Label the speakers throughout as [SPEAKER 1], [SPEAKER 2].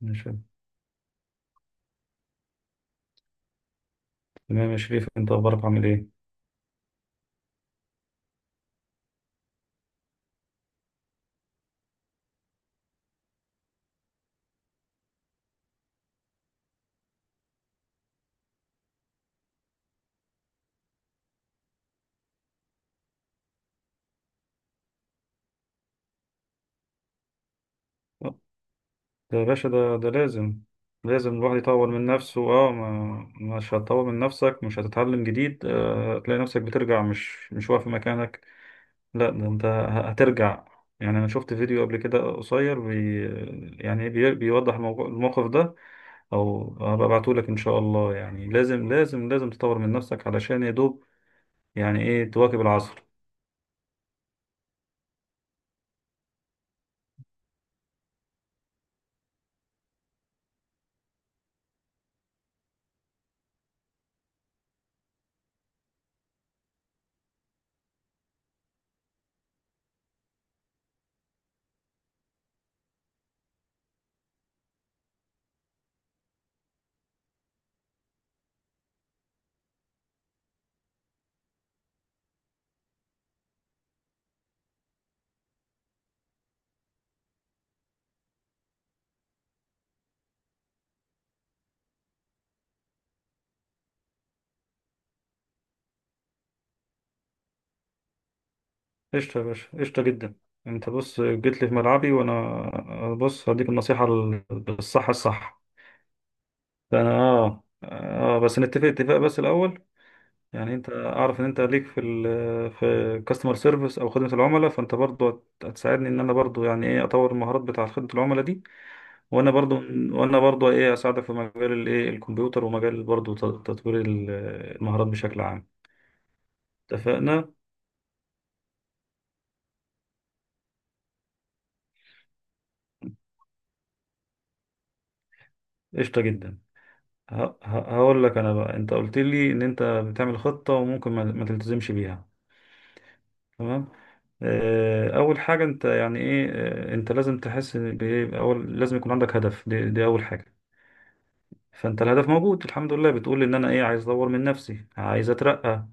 [SPEAKER 1] ماشي. تمام يا شريف، انت اخبارك عامل ايه؟ ده يا باشا، ده لازم. لازم الواحد يطور من نفسه. اه، ما مش هتطور من نفسك، مش هتتعلم جديد، آه تلاقي نفسك بترجع، مش واقف في مكانك. لا ده انت هترجع. يعني انا شفت فيديو قبل كده قصير بي، يعني بيوضح الموقف ده، او هبقى ابعته لك ان شاء الله. يعني لازم لازم لازم تطور من نفسك، علشان يا دوب يعني ايه تواكب العصر. قشطة يا باشا، قشطة جدا. انت بص، جيت لي في ملعبي، وانا بص هديك النصيحة الصح. فانا بس نتفق اتفاق بس الاول. يعني انت اعرف ان انت ليك في في كاستمر سيرفيس او خدمة العملاء، فانت برضو هتساعدني ان انا برضو يعني ايه اطور المهارات بتاع خدمة العملاء دي. وانا برضو وانا برضو ايه اساعدك في مجال الايه الكمبيوتر، ومجال برضو تطوير المهارات بشكل عام. اتفقنا. قشطة جدا. هقول لك انا بقى، انت قلت لي ان انت بتعمل خطة وممكن ما تلتزمش بيها. تمام. اول حاجة انت يعني ايه، انت لازم تحس إن بإيه؟ اول لازم يكون عندك هدف، دي اول حاجة. فانت الهدف موجود الحمد لله، بتقول ان انا ايه، عايز اطور من نفسي، عايز اترقى.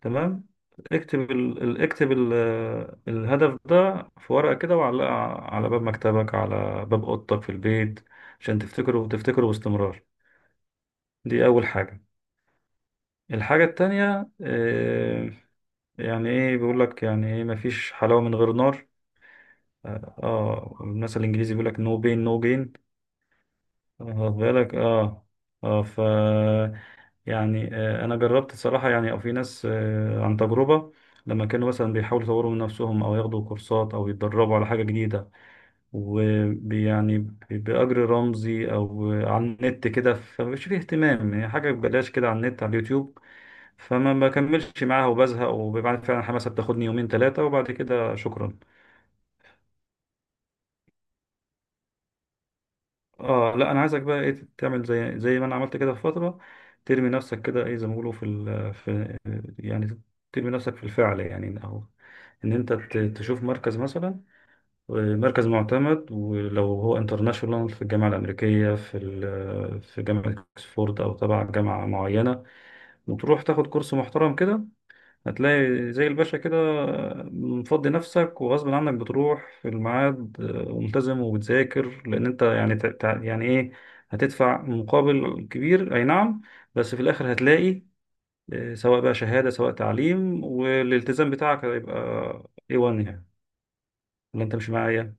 [SPEAKER 1] تمام. اكتب الهدف ده في ورقة كده وعلقه على باب مكتبك، على باب اوضتك في البيت، عشان تفتكره وتفتكره باستمرار. دي اول حاجة. الحاجة التانية، يعني ايه، بيقول لك يعني ايه مفيش حلاوة من غير نار. اه، المثل الانجليزي بيقول لك نو بين نو جين. واخد بالك؟ اه اه ف يعني انا جربت الصراحة، يعني او في ناس عن تجربة، لما كانوا مثلا بيحاولوا يطوروا من نفسهم او ياخدوا كورسات او يتدربوا على حاجة جديدة ويعني بأجر رمزي او على النت كده، فمش فيه اهتمام، يعني حاجة ببلاش كده على النت على اليوتيوب، فما بكملش معاها وبزهق، وبعد فعلا الحماسه بتاخدني يومين ثلاثه وبعد كده شكرا. اه لا، انا عايزك بقى ايه، تعمل زي ما انا عملت كده في فتره. ترمي نفسك كده ايه، زي ما بيقولوا في ال في يعني، ترمي نفسك في الفعل يعني، او ان انت تشوف مركز مثلا، مركز معتمد، ولو هو انترناشونال، في الجامعه الامريكيه، في جامعه اكسفورد، او تبع جامعه معينه، وتروح تاخد كورس محترم كده. هتلاقي زي الباشا كده مفضي نفسك، وغصب عنك بتروح في الميعاد، وملتزم وبتذاكر، لأن أنت يعني يعني إيه، هتدفع مقابل كبير أي نعم. بس في الآخر هتلاقي، سواء بقى شهادة، سواء تعليم، والالتزام بتاعك هيبقى A1 يعني. ولا أنت مش معايا؟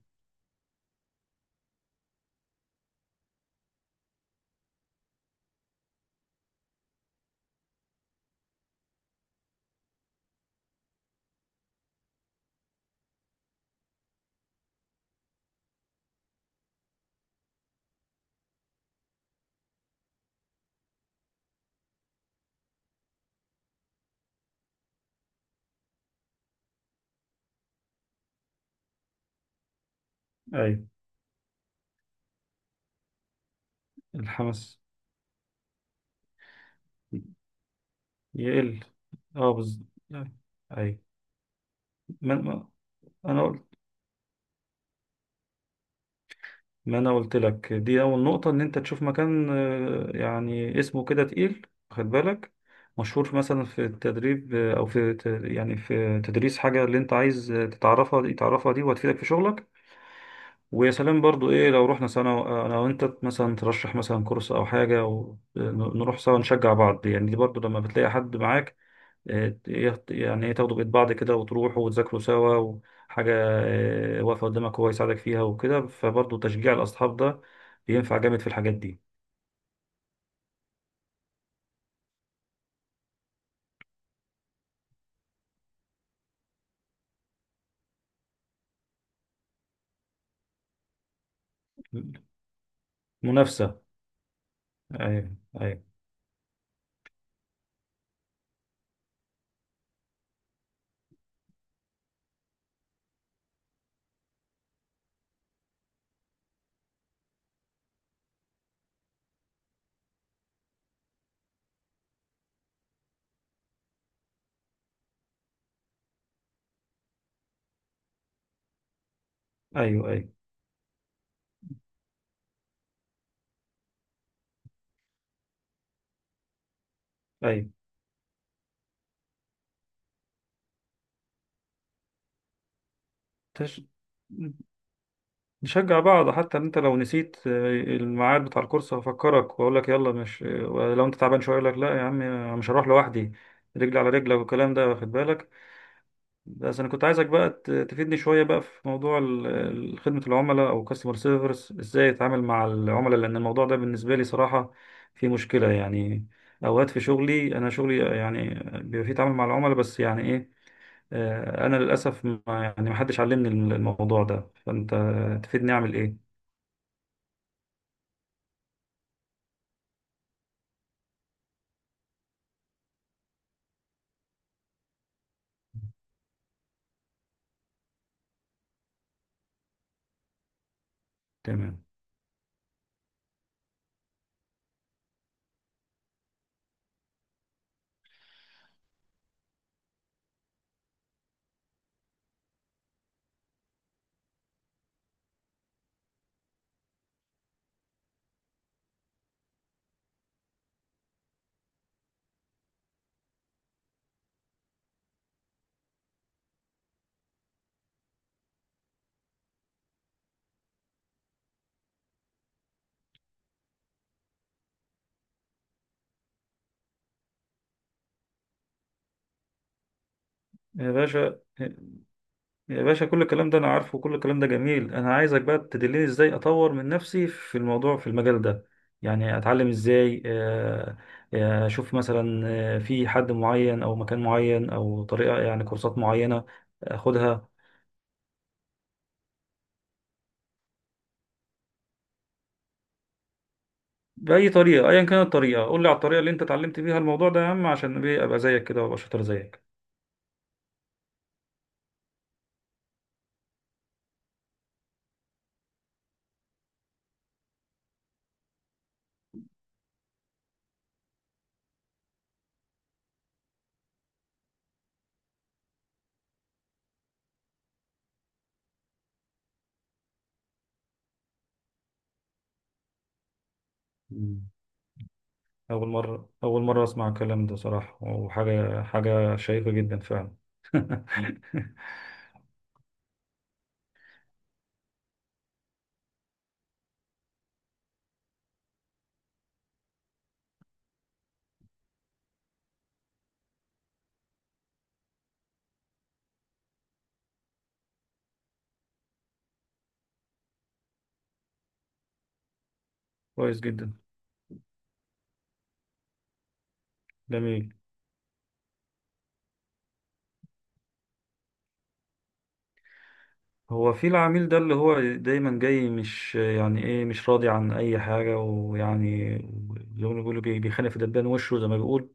[SPEAKER 1] أيوة. الحماس يقل. أه بالظبط. أيوة. ما- ما- أنا ما انا قلت لك، دي اول نقطة، ان انت تشوف مكان، يعني اسمه كده تقيل، خد بالك، مشهور، مثلا في التدريب، يعني في تدريس حاجة اللي انت عايز، تتعرفها دي، تعرفها دي، وهتفيدك في شغلك. ويا سلام برضو ايه، لو رحنا سنة انا وانت مثلا، ترشح مثلا كورس او حاجة، ونروح سوا، نشجع بعض. يعني دي برضو لما بتلاقي حد معاك، يعني ايه تاخدوا بإيد بعض كده، وتروحوا وتذاكروا سوا، وحاجة واقفة قدامك هو يساعدك فيها وكده، فبرضه تشجيع الأصحاب ده بينفع جامد في الحاجات دي. منافسة. أيوه. أيوه. أيوه. أيوه. أيوه. تش... نشجع بعض، حتى إن أنت لو نسيت الميعاد بتاع الكورس هفكرك وأقول لك يلا، مش لو أنت تعبان شوية أقول لك لا يا عم أنا مش هروح لوحدي، رجل على رجلك، والكلام ده. واخد بالك. بس انا كنت عايزك بقى تفيدني شويه بقى في موضوع خدمه العملاء او كاستمر سيرفيس، ازاي اتعامل مع العملاء، لان الموضوع ده بالنسبه لي صراحه في مشكله يعني. اوقات في شغلي، شغلي يعني بيبقى فيه تعامل مع العملاء، بس يعني ايه، انا للاسف ما يعني ما حدش علمني الموضوع ده، فانت تفيدني اعمل ايه. تمام. يا باشا، يا باشا، كل الكلام ده انا عارفه، وكل الكلام ده جميل، انا عايزك بقى تدلني ازاي اطور من نفسي في الموضوع في المجال ده. يعني اتعلم ازاي، اشوف مثلا، في حد معين، او مكان معين، او طريقة، يعني كورسات معينة اخدها، بأي طريقة، ايا كانت الطريقة، قول لي على الطريقة اللي انت اتعلمت بيها الموضوع ده يا عم، عشان ايه ابقى زيك كده وابقى شاطر زيك. مم. اول مرة اسمع الكلام ده صراحة، وحاجة، شيقة جدا فعلا. كويس جدا. جميل. هو في العميل ده، اللي هو دايما جاي مش يعني ايه، مش راضي عن اي حاجه، ويعني زي ما بيقولوا بيخانق في دبان وشه، زي ما بيقول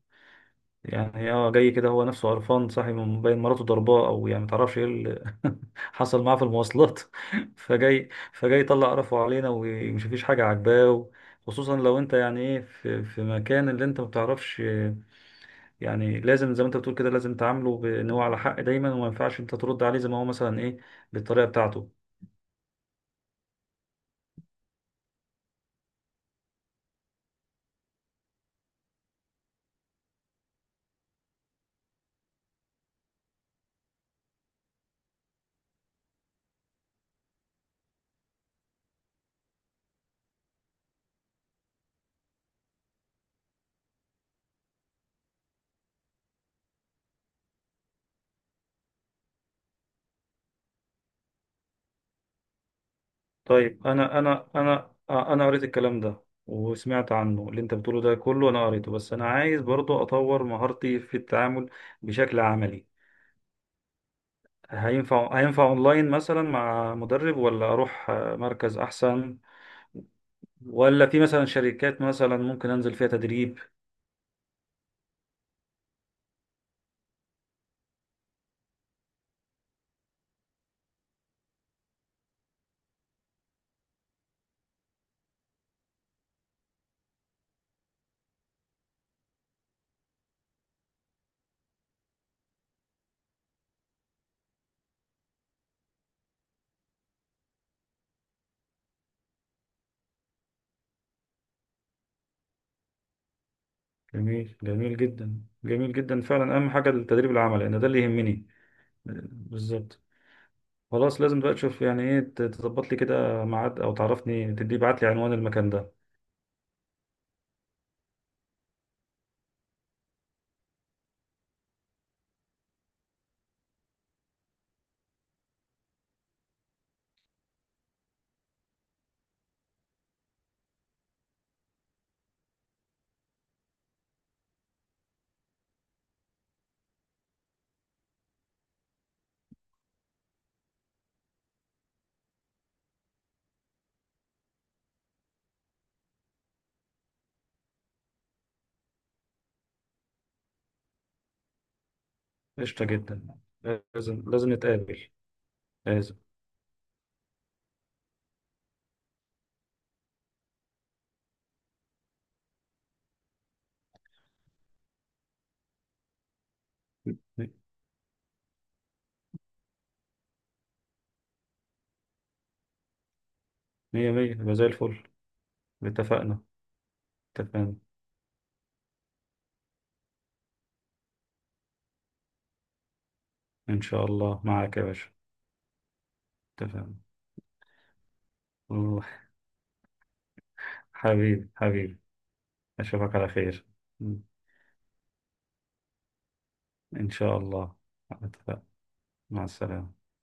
[SPEAKER 1] يعني، اه جاي كده هو نفسه قرفان، صاحي من بين مراته ضرباه، او يعني متعرفش ايه اللي حصل معاه في المواصلات، فجاي يطلع قرفه علينا، ومش فيش حاجه عاجباه. خصوصا لو انت يعني ايه في في مكان اللي انت ما بتعرفش يعني، لازم زي ما انت بتقول كده، لازم تعامله بان هو على حق دايما، وما ينفعش انت ترد عليه زي ما هو مثلا ايه، بالطريقه بتاعته. طيب انا قريت الكلام ده وسمعت عنه، اللي انت بتقوله ده كله انا قريته، بس انا عايز برضو اطور مهارتي في التعامل بشكل عملي. هينفع اونلاين مثلا مع مدرب، ولا اروح مركز احسن، ولا في مثلا شركات مثلا ممكن انزل فيها تدريب. جميل، جميل جدا فعلا، اهم حاجة التدريب العملي لان ده اللي يهمني. بالظبط. خلاص، لازم بقى تشوف يعني ايه تظبط لي كده ميعاد، او تعرفني، تدي بعت لي عنوان المكان ده. قشطة جدا. لازم، لازم نتقابل. لازم. مية مية، يبقى زي الفل. اتفقنا. اتفقنا. إن شاء الله معاك يا باشا. اتفقنا. روح. حبيبي حبيبي. أشوفك على خير. إن شاء الله. اتفقنا. مع السلامة.